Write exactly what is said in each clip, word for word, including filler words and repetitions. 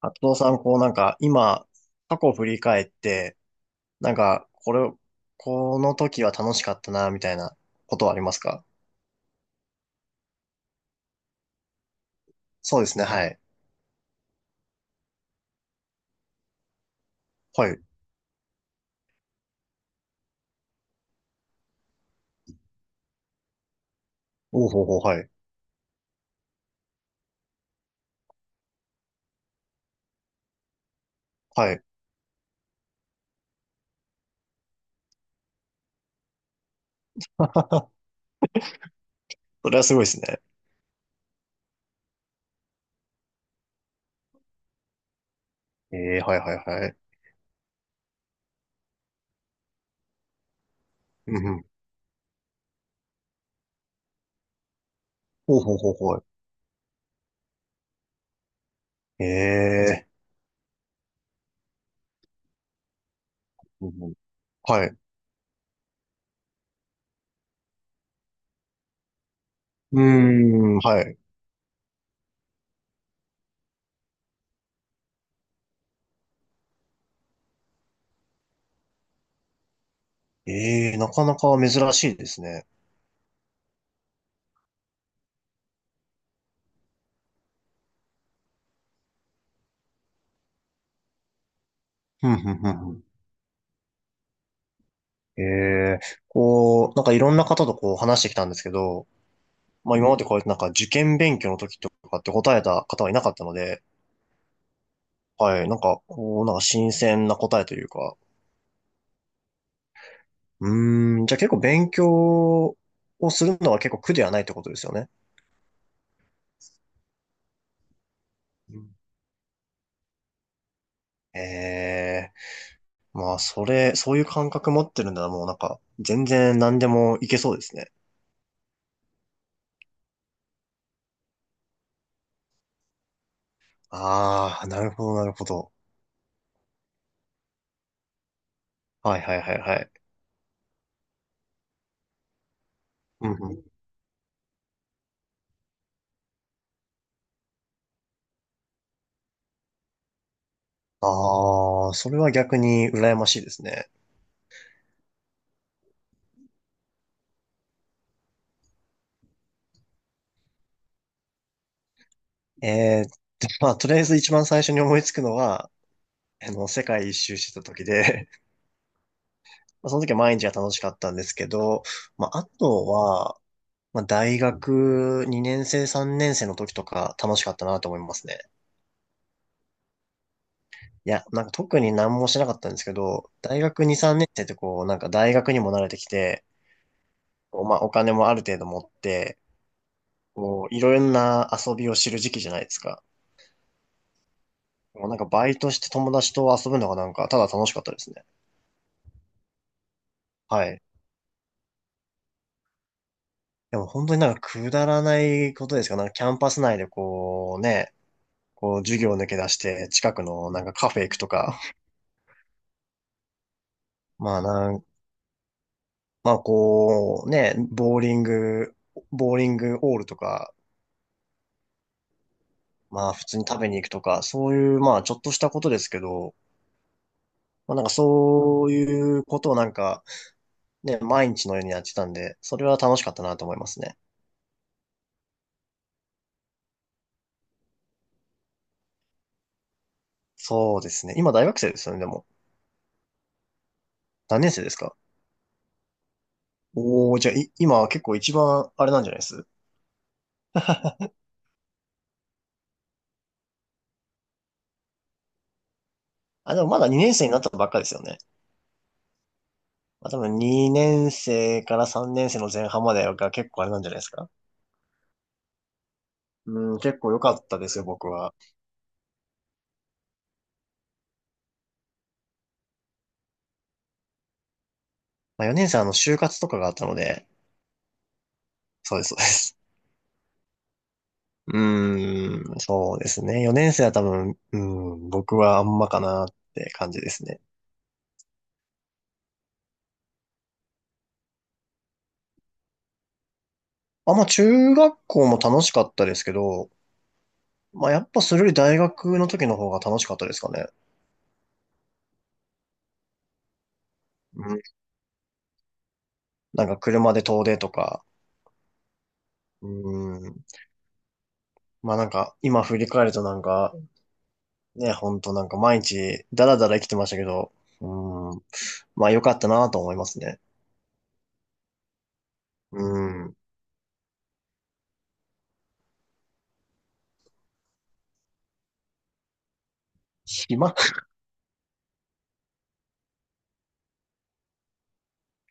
あとさん、こうなんか今、過去を振り返って、なんか、これ、この時は楽しかったな、みたいなことはありますか？そうですね、はい。はい。おうほうほう、はい。はい。それはすごいですね。ええ、はいはいはい。うんうん。おうほうほうほう。ええ、うんうん、はい。うーん、はい。ええ、なかなか珍しいですね。うんうんうんうん。ええ、こう、なんかいろんな方とこう話してきたんですけど、まあ今までこうやってなんか受験勉強の時とかって答えた方はいなかったので、はい、なんかこう、なんか新鮮な答えというか、うーん、じゃあ結構勉強をするのは結構苦ではないってことですよね。うん。ええ、まあそれ、そういう感覚持ってるんならもうなんか全然何でもいけそうですね。ああ、なるほど、なるほど。はいはいはいはい。うんうん。ああ、それは逆に羨ましいですね。ええ、まあとりあえず一番最初に思いつくのは、あの、世界一周してた時で、まあ、その時は毎日が楽しかったんですけど、まあ、あとは、まあ、大学にねん生、さんねん生の時とか楽しかったなと思いますね。いや、なんか特に何もしなかったんですけど、大学に、さんねん生ってこう、なんか大学にも慣れてきて、こうまあ、お金もある程度持って、こう、いろんな遊びを知る時期じゃないですか。もうなんかバイトして友達と遊ぶのがなんか、ただ楽しかったですね。はい。でも本当になんかくだらないことですが、なんかキャンパス内でこうね、こう、授業抜け出して、近くのなんかカフェ行くとか、まあなん、まあこう、ね、ボーリング、ボーリングオールとか、まあ普通に食べに行くとか、そういう、まあちょっとしたことですけど、まあなんかそういうことをなんか、ね、毎日のようにやってたんで、それは楽しかったなと思いますね。そうですね。今大学生ですよね、でも。何年生ですか？おー、じゃあ、い、今は結構一番あれなんじゃないです？あ、でもまだにねん生になったばっかですよね。まあ、多分にねん生からさんねん生の前半までが結構あれなんじゃないですか？うん、結構良かったですよ、僕は。まあ、よねん生はあの、就活とかがあったので、そうです、そうです。うーん、そうですね。よねん生は多分、うん、僕はあんまかなって感じですね。あ、まあ、中学校も楽しかったですけど、まあ、やっぱそれより大学の時の方が楽しかったですかね。うん、なんか車で遠出とか、うん、まあなんか今振り返るとなんかね、ほんとなんか毎日ダラダラ生きてましたけど、うーん。まあ良かったなと思いますね。うん。暇？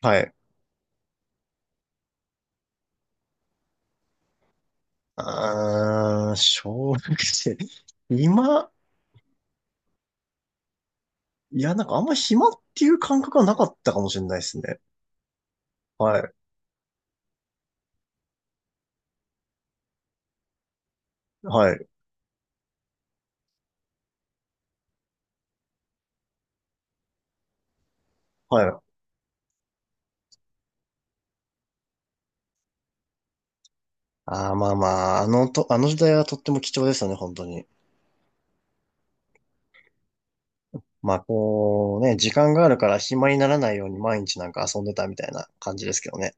はい。あー、小学生。今、いや、なんかあんま暇っていう感覚はなかったかもしれないですね。はい。はい。はい。ああ、まあまあ、あのと、あの時代はとっても貴重でしたね、本当に。まあ、こうね、時間があるから暇にならないように毎日なんか遊んでたみたいな感じですけどね。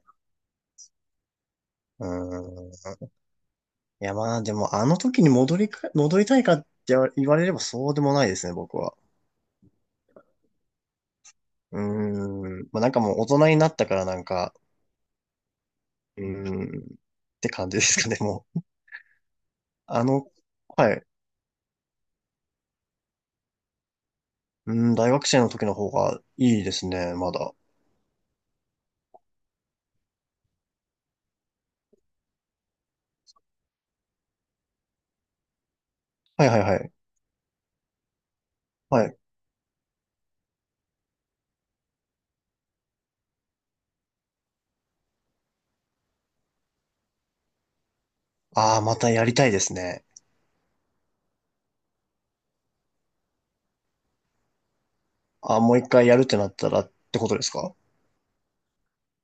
うん。いや、まあ、でも、あの時に戻りか、戻りたいかって言われればそうでもないですね、僕は。うーん。まあ、なんかもう大人になったからなんか、うーん。って感じですかね、もう。あの、はい。うん、大学生の時の方がいいですね、まだ。はいはいはい。はい。ああ、またやりたいですね。ああ、もう一回やるってなったらってことですか？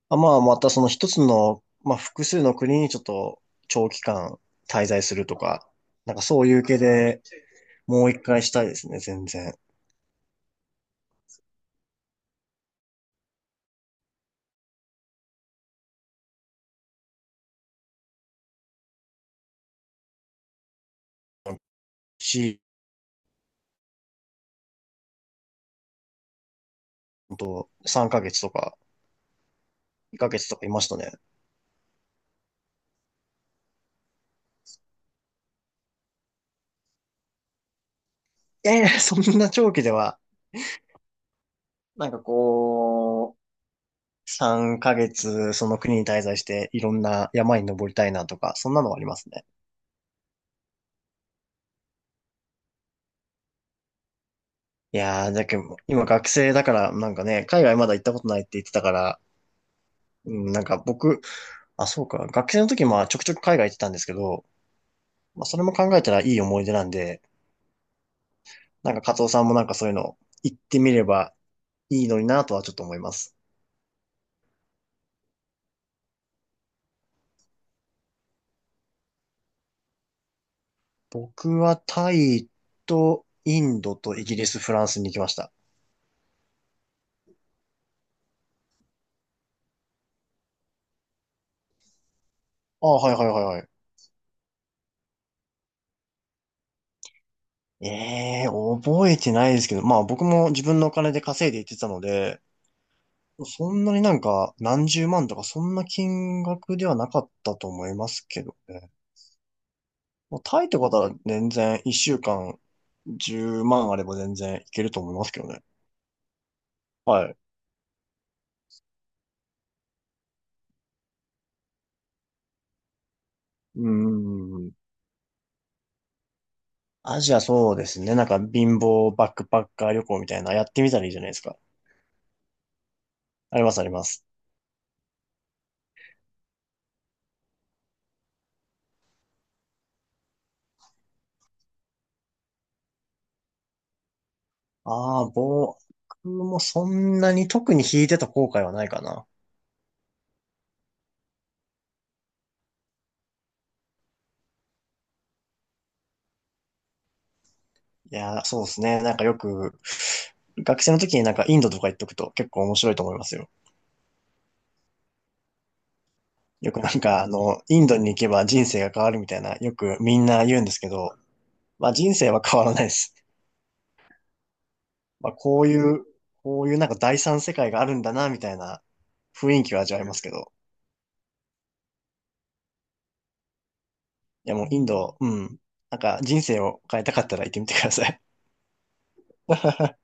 あ、まあ、またその一つの、まあ、複数の国にちょっと長期間滞在するとか、なんかそういう系で、もう一回したいですね、全然。し、ほんと、さんかげつとか、にかげつとかいましたね。いやいや、そんな長期では、なんかこう、さんかげつ、その国に滞在して、いろんな山に登りたいなとか、そんなのはありますね。いやー、だけど、今学生だから、なんかね、海外まだ行ったことないって言ってたから、うん、なんか僕、あ、そうか、学生の時まあちょくちょく海外行ってたんですけど、まあそれも考えたらいい思い出なんで、なんかカツさんもなんかそういうの行ってみればいいのになとはちょっと思います。僕はタイとインドとイギリス、フランスに行きました。ああ、はいはいはいはい。ええー、覚えてないですけど、まあ僕も自分のお金で稼いで行ってたので、そんなになんか何十万とかそんな金額ではなかったと思いますけどね。もうタイってことは全然一週間じゅうまんあれば全然いけると思いますけどね。はい。うーん。アジア、そうですね。なんか貧乏バックパッカー旅行みたいなやってみたらいいじゃないですか。あります、あります。ああ、僕もそんなに特に弾いてた後悔はないかな。いやー、そうですね。なんかよく、学生の時になんかインドとか行っとくと結構面白いと思いますよ。よくなんかあの、インドに行けば人生が変わるみたいな、よくみんな言うんですけど、まあ人生は変わらないです。まあこういう、こういうなんか第三世界があるんだな、みたいな雰囲気は味わえますけど。いやもうインド、うん。なんか人生を変えたかったら行ってみてください。